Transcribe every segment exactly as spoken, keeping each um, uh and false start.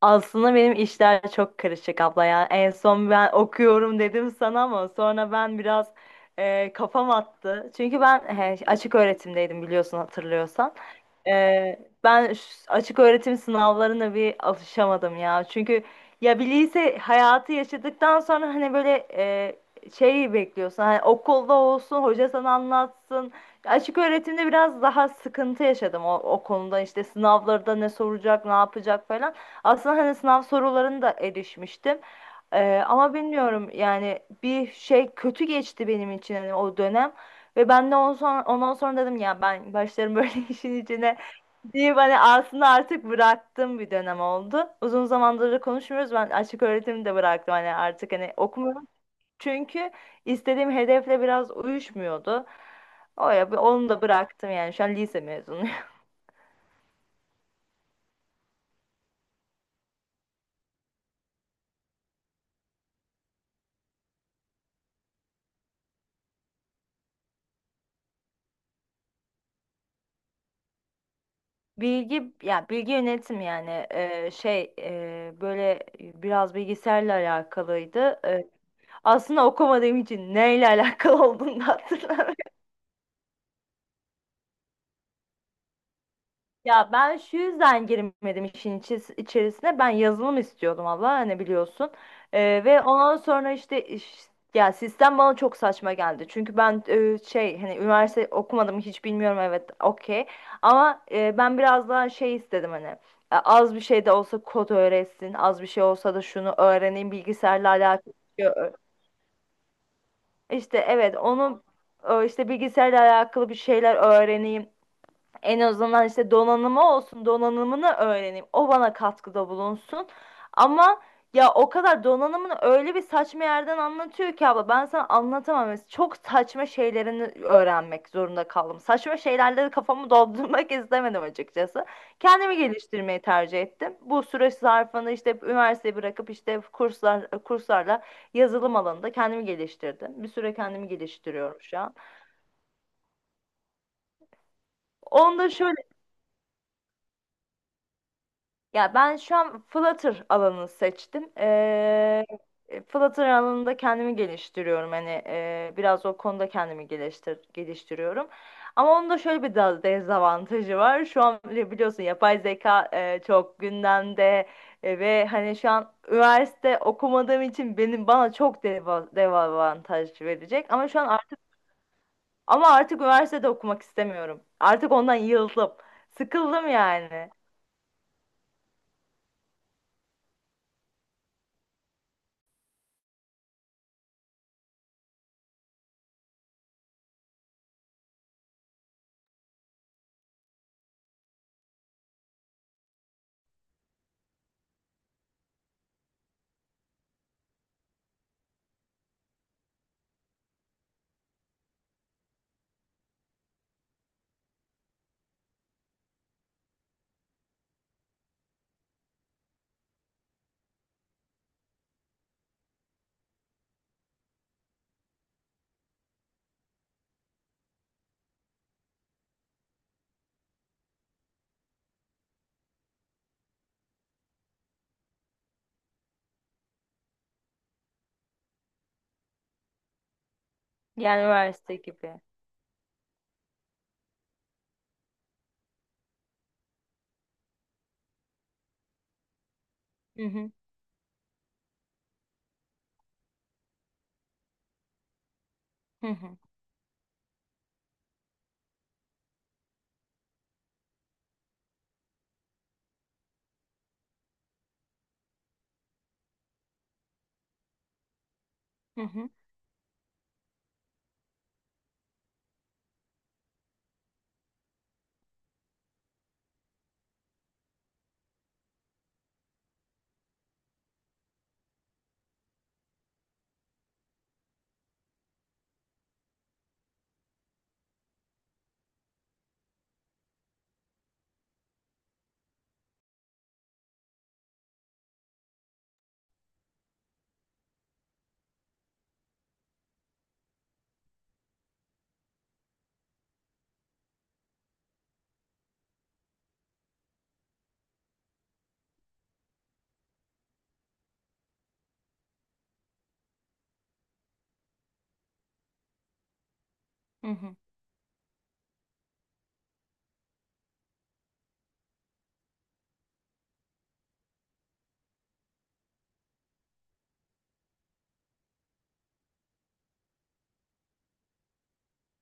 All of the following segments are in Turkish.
Aslında benim işler çok karışık abla ya. En son ben okuyorum dedim sana ama sonra ben biraz e, kafam attı. Çünkü ben he, açık öğretimdeydim biliyorsun hatırlıyorsan. Ee, ben ş- açık öğretim sınavlarına bir alışamadım ya. Çünkü ya bir lise hayatı yaşadıktan sonra hani böyle e, şey bekliyorsun. Hani okulda olsun, hoca sana anlatsın. Açık öğretimde biraz daha sıkıntı yaşadım o, o konuda. İşte sınavlarda ne soracak, ne yapacak falan. Aslında hani sınav sorularını da erişmiştim. Ee, ama bilmiyorum yani bir şey kötü geçti benim için hani o dönem ve ben de ondan sonra, ondan sonra dedim ya ben başlarım böyle işin içine deyip hani aslında artık bıraktığım bir dönem oldu. Uzun zamandır da konuşmuyoruz, ben açık öğretimi de bıraktım hani artık hani okumuyorum çünkü istediğim hedefle biraz uyuşmuyordu. O ya onu da bıraktım yani şu an lise mezunuyum. Bilgi ya bilgi yönetim yani e, şey e, böyle biraz bilgisayarla alakalıydı. Aslında okumadığım için neyle alakalı olduğunu da hatırlamıyorum. Ya ben şu yüzden girmedim işin içi- içerisine. Ben yazılım istiyordum abla hani biliyorsun. Ee, ve ondan sonra işte, iş- ya sistem bana çok saçma geldi. Çünkü ben e, şey hani üniversite okumadım hiç bilmiyorum, evet okey. Ama e, ben biraz daha şey istedim hani. e, Az bir şey de olsa kod öğretsin, az bir şey olsa da şunu öğreneyim, bilgisayarla alakalı bir şey. İşte evet onu e, işte bilgisayarla alakalı bir şeyler öğreneyim. En azından işte donanımı olsun, donanımını öğreneyim. O bana katkıda bulunsun. Ama ya o kadar donanımını öyle bir saçma yerden anlatıyor ki abla, ben sana anlatamam. Mesela çok saçma şeylerini öğrenmek zorunda kaldım. Saçma şeylerle de kafamı doldurmak istemedim açıkçası. Kendimi geliştirmeyi tercih ettim. Bu süreç zarfında işte üniversiteyi bırakıp işte kurslar kurslarla yazılım alanında kendimi geliştirdim. Bir süre kendimi geliştiriyorum şu an. Onda şöyle, ya ben şu an Flutter alanını seçtim. Ee, e, Flutter alanında kendimi geliştiriyorum. Hani e, biraz o konuda kendimi geliştir geliştiriyorum. Ama onun da şöyle bir da- dezavantajı var. Şu an bile biliyorsun yapay zeka e, çok gündemde. E, ve hani şu an üniversite okumadığım için benim bana çok deva- dezavantaj verecek. Ama şu an ar- ama artık üniversitede okumak istemiyorum. Artık ondan yıldım. Sıkıldım yani. Yani üniversite gibi. Hı hı. Hı hı. Hı hı. Hı hı.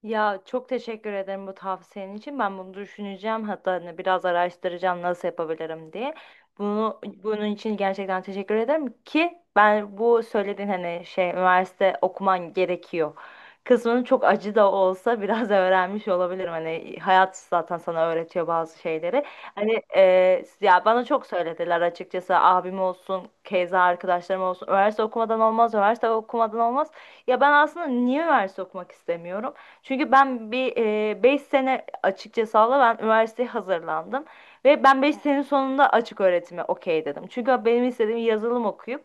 Ya çok teşekkür ederim bu tavsiyen için. Ben bunu düşüneceğim. Hatta hani biraz araştıracağım nasıl yapabilirim diye. Bunu bunun için gerçekten teşekkür ederim ki ben bu söylediğin hani şey üniversite okuman gerekiyor kısmını çok acı da olsa biraz öğrenmiş olabilirim. Hani hayat zaten sana öğretiyor bazı şeyleri. Hani e, ya bana çok söylediler açıkçası, abim olsun, keza arkadaşlarım olsun. Üniversite okumadan olmaz, üniversite okumadan olmaz. Ya ben aslında niye üniversite okumak istemiyorum? Çünkü ben bir e, beş sene açıkça sağla ben üniversiteye hazırlandım. Ve ben beş senenin sonunda açık öğretime okey dedim. Çünkü benim istediğim yazılım okuyup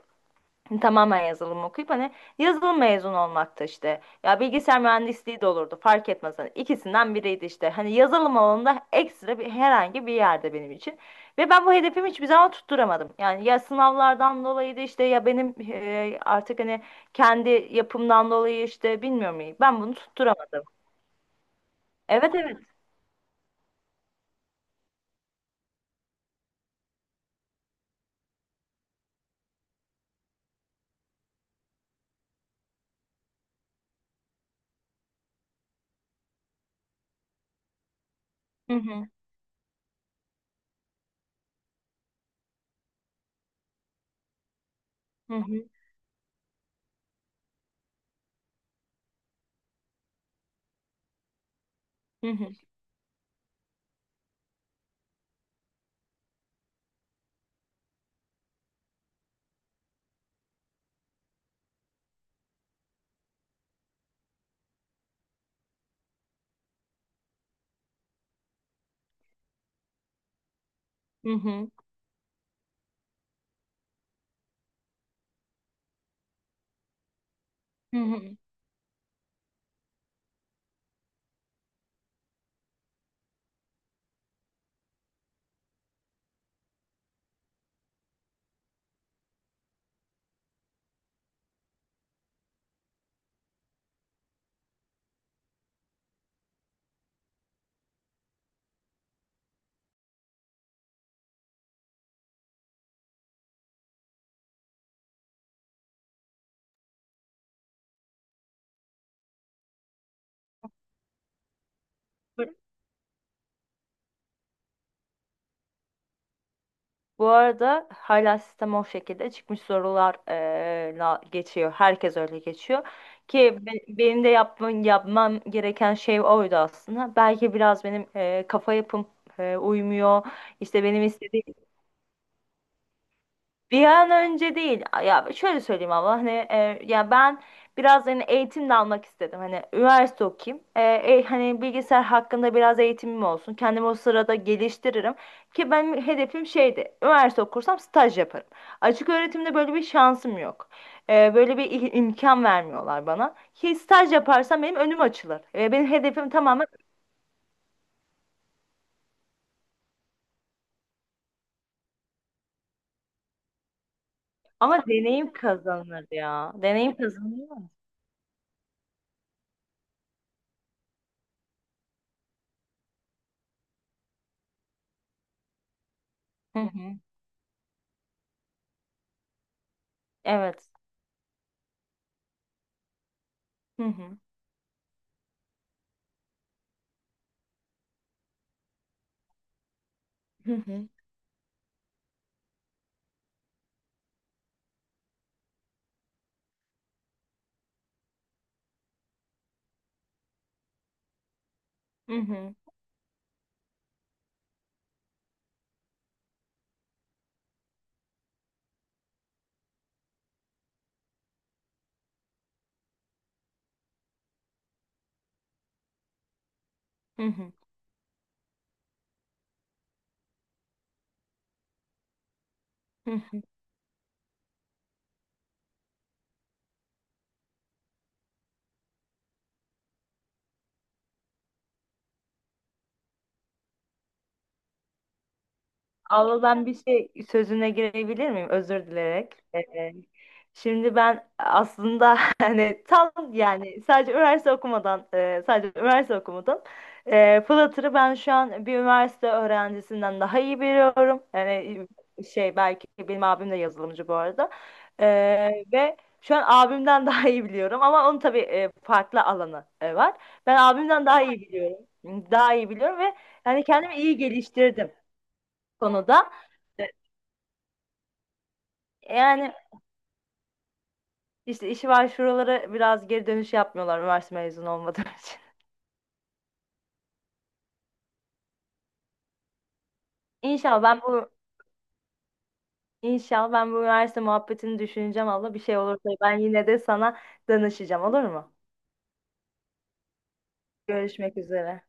tamamen yazılım okuyup hani yazılım mezunu olmakta işte. Ya bilgisayar mühendisliği de olurdu, fark etmez. Hani ikisinden biriydi işte. Hani yazılım alanında ekstra bir herhangi bir yerde benim için. Ve ben bu hedefimi hiçbir zaman tutturamadım. Yani ya sınavlardan dolayıydı işte ya benim e, artık hani kendi yapımdan dolayı işte bilmiyorum, ben bunu tutturamadım. Evet, evet. Hı hı, hı hı, hı hı, hı hı, hı hı. Bu arada hala sistem o şekilde çıkmış sorular eee, la geçiyor. Herkes öyle geçiyor. Ki be- benim de yapmam, yapmam gereken şey oydu aslında. Belki biraz benim eee, kafa yapım eee, uymuyor. İşte benim istediğim bir an önce değil. Ya şöyle söyleyeyim ama hani e, ya ben biraz hani eğitim de almak istedim. Hani üniversite okuyayım. E, e, hani bilgisayar hakkında biraz eğitimim olsun. Kendimi o sırada geliştiririm. Ki benim hedefim şeydi. Üniversite okursam staj yaparım. Açık öğretimde böyle bir şansım yok. E, böyle bir i- imkan vermiyorlar bana. Ki staj yaparsam benim önüm açılır. E, benim hedefim tamamen, ama deneyim kazanılır ya. Deneyim kazanılıyor. Hı hı. Evet. Hı hı. Hı hı. Hı hı. Hı hı. Hı hı. Abla ben bir şey sözüne girebilir miyim? Özür dileyerek. Ee, şimdi ben aslında hani tam yani sadece üniversite okumadan e, sadece üniversite okumadım. E, Flutter'ı ben şu an bir üniversite öğrencisinden daha iyi biliyorum. Yani şey, belki benim abim de yazılımcı bu arada. E, ve şu an abimden daha iyi biliyorum, ama onun tabii e, farklı alanı e, var. Ben abimden daha iyi biliyorum. Daha iyi biliyorum ve yani kendimi iyi geliştirdim konuda. E, Yani işte işi var, şuralara biraz geri dönüş yapmıyorlar üniversite mezunu olmadığım için. İnşallah ben bu, inşallah ben bu üniversite muhabbetini düşüneceğim abla. Bir şey olursa ben yine de sana danışacağım, olur mu? Görüşmek üzere.